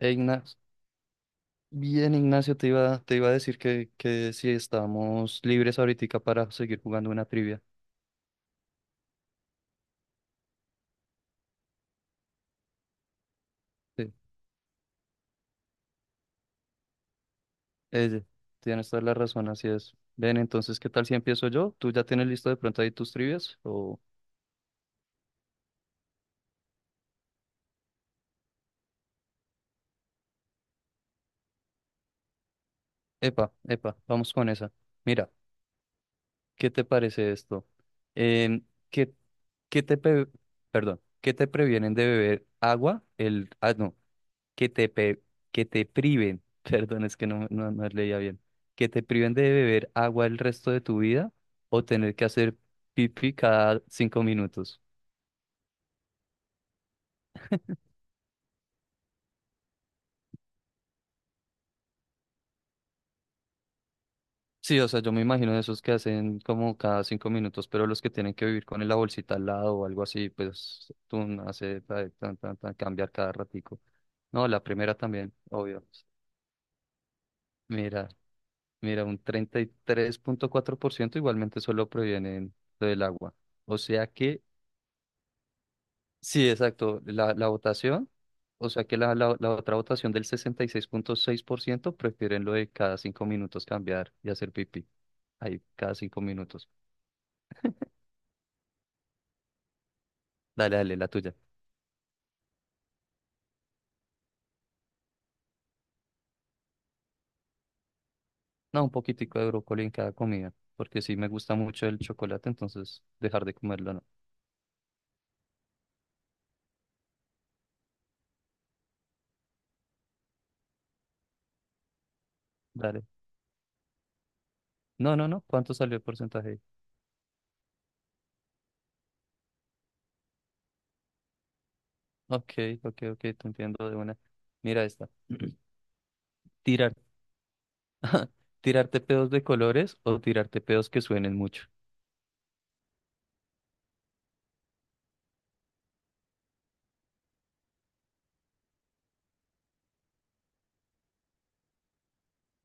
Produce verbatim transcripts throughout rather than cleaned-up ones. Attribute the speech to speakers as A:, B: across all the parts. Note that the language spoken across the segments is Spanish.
A: Eh, Ignacio, bien, Ignacio, te iba, te iba a decir que, que si estamos libres ahorita para seguir jugando una trivia. Sí, eh, tienes toda la razón, así es. Ven, entonces, ¿qué tal si empiezo yo? ¿Tú ya tienes listo de pronto ahí tus trivias? O... Epa, epa, vamos con esa. Mira, ¿qué te parece esto? Em, ¿qué, qué te pe- Perdón, ¿qué te previenen de beber agua? El... Ah, no. que te, pe- que te priven, perdón, es que no, no, no leía bien, que te priven de beber agua el resto de tu vida o tener que hacer pipí cada cinco minutos. Sí, o sea, yo me imagino de esos que hacen como cada cinco minutos, pero los que tienen que vivir con la bolsita al lado o algo así, pues tú hace ta- tan, tan, tan, cambiar cada ratico. No, la primera también, obvio. Mira, mira, un treinta y tres punto cuatro por ciento igualmente solo provienen del agua. O sea que sí, exacto. La, la votación, o sea que la, la, la otra votación del sesenta y seis seis punto seis por ciento prefieren lo de cada cinco minutos cambiar y hacer pipí. Ahí, cada cinco minutos. Dale, dale, la tuya. No, un poquitico de brócoli en cada comida, porque sí me gusta mucho el chocolate, entonces dejar de comerlo no. Dale. No, no, no. ¿Cuánto salió el porcentaje ahí? Ok, ok, ok, te entiendo de una. Mira esta. Tirar. ¿Tirarte pedos de colores o tirarte pedos que suenen mucho?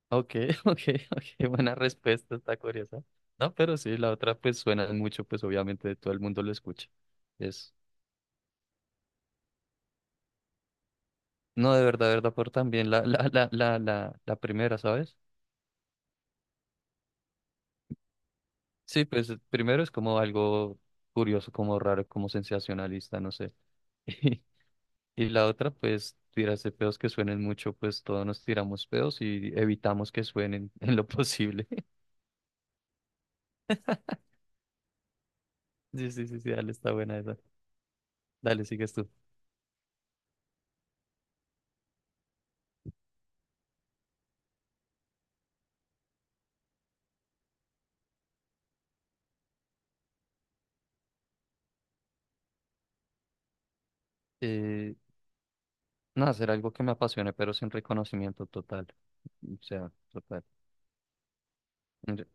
A: Ok, ok, ok, buena respuesta, está curiosa. No, pero sí, la otra pues suena mucho, pues obviamente todo el mundo lo escucha. Es, no, de verdad, de verdad, por también la, la, la, la, la, la primera, ¿sabes? Sí, pues primero es como algo curioso, como raro, como sensacionalista, no sé. Y, la otra, pues tirarse pedos que suenen mucho, pues todos nos tiramos pedos y evitamos que suenen en lo posible. Sí, sí, sí, sí, dale, está buena esa. Dale, sigues tú. Eh, No, hacer algo que me apasione, pero sin reconocimiento total. O sea, total. Yo-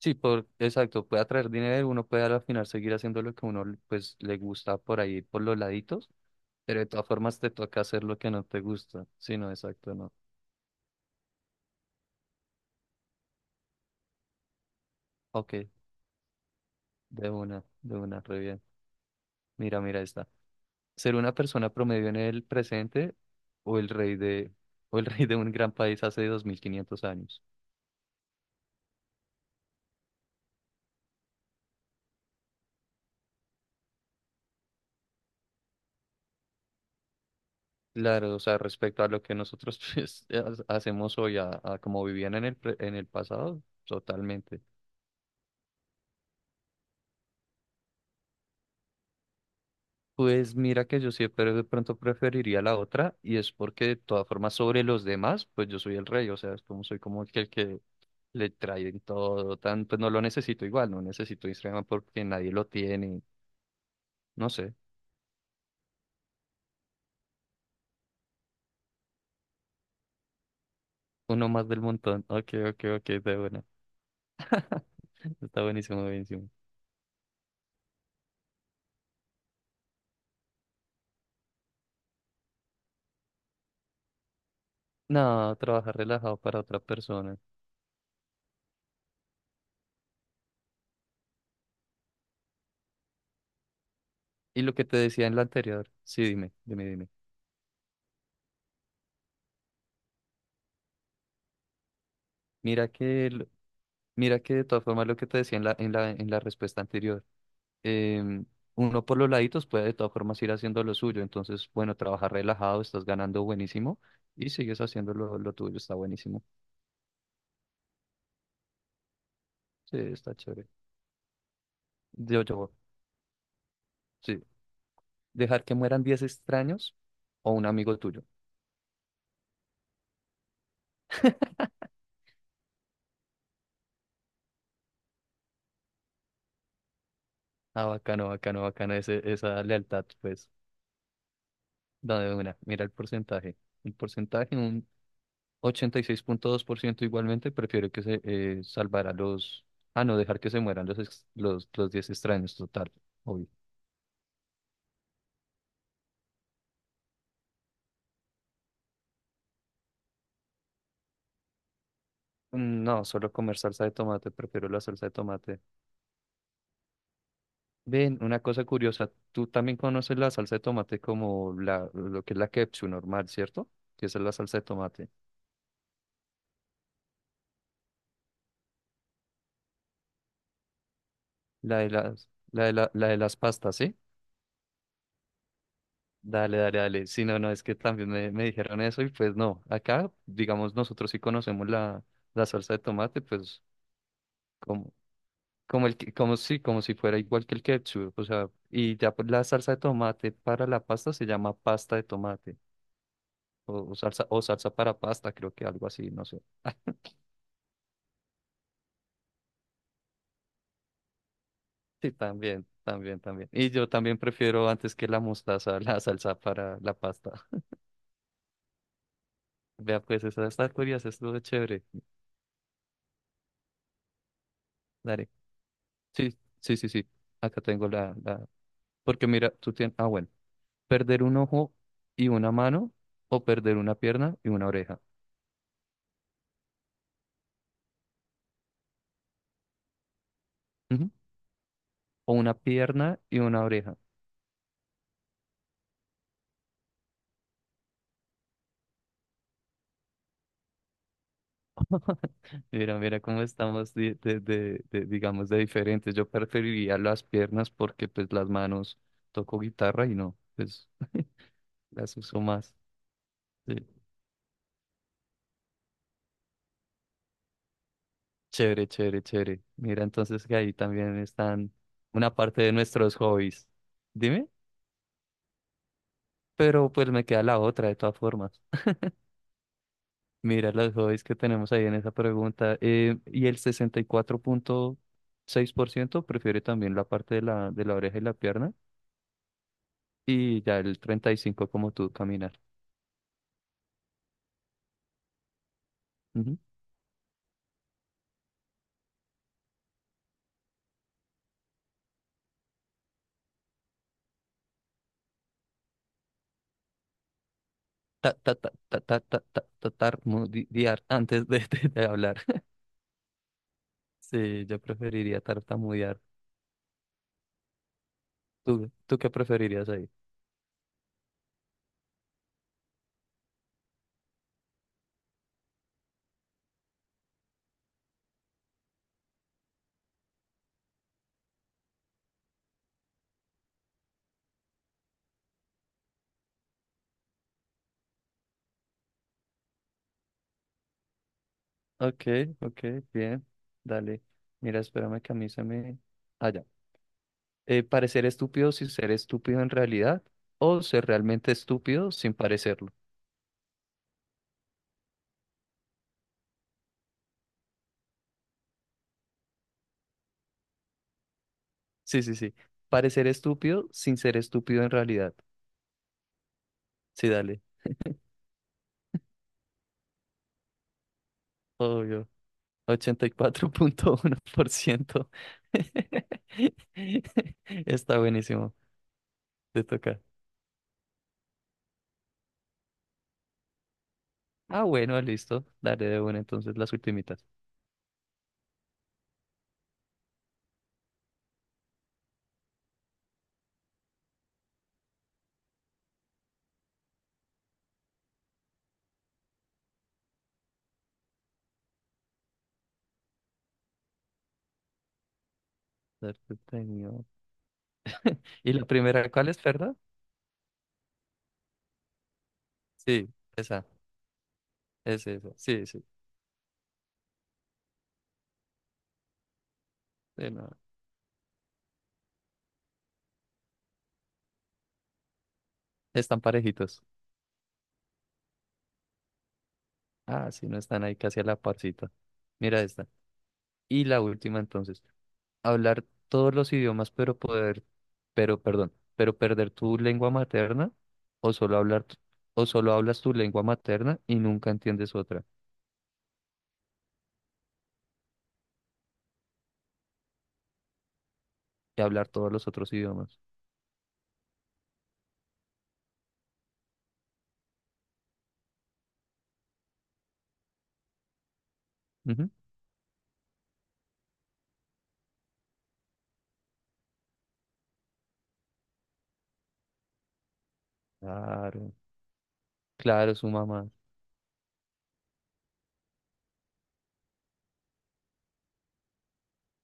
A: Sí, por, exacto, puede atraer dinero, uno puede al final seguir haciendo lo que uno pues le gusta por ahí, por los laditos, pero de todas formas te toca hacer lo que no te gusta. Sí, no, exacto, no. Ok, de una, de una, re bien. Mira, mira esta. Ser una persona promedio en el presente o el rey de, o el rey de un gran país hace dos mil quinientos años. Claro, o sea, respecto a lo que nosotros pues, eh, ha- hacemos hoy, a, a como vivían en el, pre- en el pasado, totalmente. Pues mira que yo siempre de pronto preferiría la otra y es porque de todas formas sobre los demás, pues yo soy el rey, o sea, es como soy como el que, el que le traen todo, tan, pues no lo necesito igual, no necesito Instagram porque nadie lo tiene, no sé, uno más del montón. Ok, ok, ok, de buena. Está buenísimo, buenísimo. No, trabajar relajado para otra persona. Y lo que te decía en la anterior, sí, dime, dime, dime. Mira que, el- mira que de todas formas lo que te decía en la, en la, en la respuesta anterior, em, uno por los laditos puede de todas formas ir haciendo lo suyo, entonces, bueno, trabajar relajado, estás ganando buenísimo y sigues haciendo lo, lo tuyo, está buenísimo. Sí, está chévere. Yo, yo, sí, dejar que mueran diez extraños o un amigo tuyo. Ah, bacano, bacano, bacano, ese, esa lealtad, pues, dame una, mira el porcentaje. El porcentaje, ochenta y seis punto dos por ciento igualmente prefiere que se eh, salvara los. Ah, no, dejar que se mueran los, ex- los, los diez extraños, total, obvio. Mm, no, solo comer salsa de tomate, prefiero la salsa de tomate. Ven, una cosa curiosa, tú también conoces la salsa de tomate como la, lo que es la ketchup normal, ¿cierto? Que esa es la salsa de tomate. La de las, la de la, la de las pastas, ¿sí? Dale, dale, dale. Sí, no, no, es que también me, me dijeron eso y pues no, acá, digamos, nosotros sí conocemos la, la salsa de tomate, pues. Como el que- como si, como si fuera igual que el ketchup, o sea, y ya pues la salsa de tomate para la pasta se llama pasta de tomate, o, o salsa, o salsa para pasta, creo que algo así, no sé. Sí, también, también, también. Y yo también prefiero antes que la mostaza, la salsa para la pasta. Vea, pues esa está curiosa, esto es chévere. Dale. Sí, sí, sí, sí. Acá tengo la, la. Porque mira, tú tienes, ah, bueno, perder un ojo y una mano, o perder una pierna y una oreja. Ujú. O una pierna y una oreja. Mira, mira cómo estamos de, de- de- de- digamos, de diferentes. Yo preferiría las piernas porque pues las manos toco guitarra y no, pues las uso más. Sí. Chévere, chévere, chévere. Mira, entonces que ahí también están una parte de nuestros hobbies. Dime, pero pues me queda la otra de todas formas. Mira los hobbies que tenemos ahí en esa pregunta. eh, y el sesenta y cuatro punto seis por ciento prefiere también la parte de la, de la oreja y la pierna y ya el treinta y cinco como tú caminar. Ta- ta- ta- ta- ta- ta- ta- ta- tartamudear antes de, de- de hablar. Sí, yo preferiría tartamudear. ¿Tú, tú qué preferirías ahí? Ok, ok, bien. Dale. Mira, espérame que a mí se me. Allá parecer estúpido sin ser estúpido en realidad o ser realmente estúpido sin parecerlo. Sí, sí, sí. Parecer estúpido sin ser estúpido en realidad. Sí, dale. Obvio. Ochenta y cuatro punto uno por ciento. Está buenísimo. Te toca. Ah, bueno, listo. Daré de una entonces las ultimitas. Darte tenido. ¿Y la primera cuál es, perdón? Sí, esa, es esa. Sí, sí. Sí, no, están parejitos. Ah, sí, no están ahí casi a la parcita. Mira esta. Y la última entonces. Hablar todos los idiomas, pero poder, pero, perdón, pero perder tu lengua materna, o solo hablar, tu- o solo hablas tu lengua materna y nunca entiendes otra. Y hablar todos los otros idiomas. Ujú. Claro, claro, su mamá.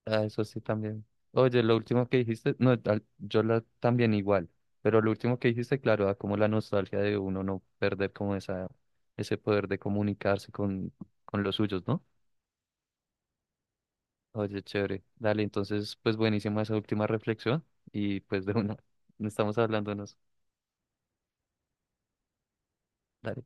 A: Ah, eso sí también. Oye, lo último que dijiste, no, al- yo la, también igual, pero lo último que dijiste, claro, da como la nostalgia de uno no perder como esa, ese poder de comunicarse con, con los suyos, ¿no? Oye, chévere. Dale, entonces, pues buenísima esa última reflexión y pues de una, no estamos hablándonos. Dale.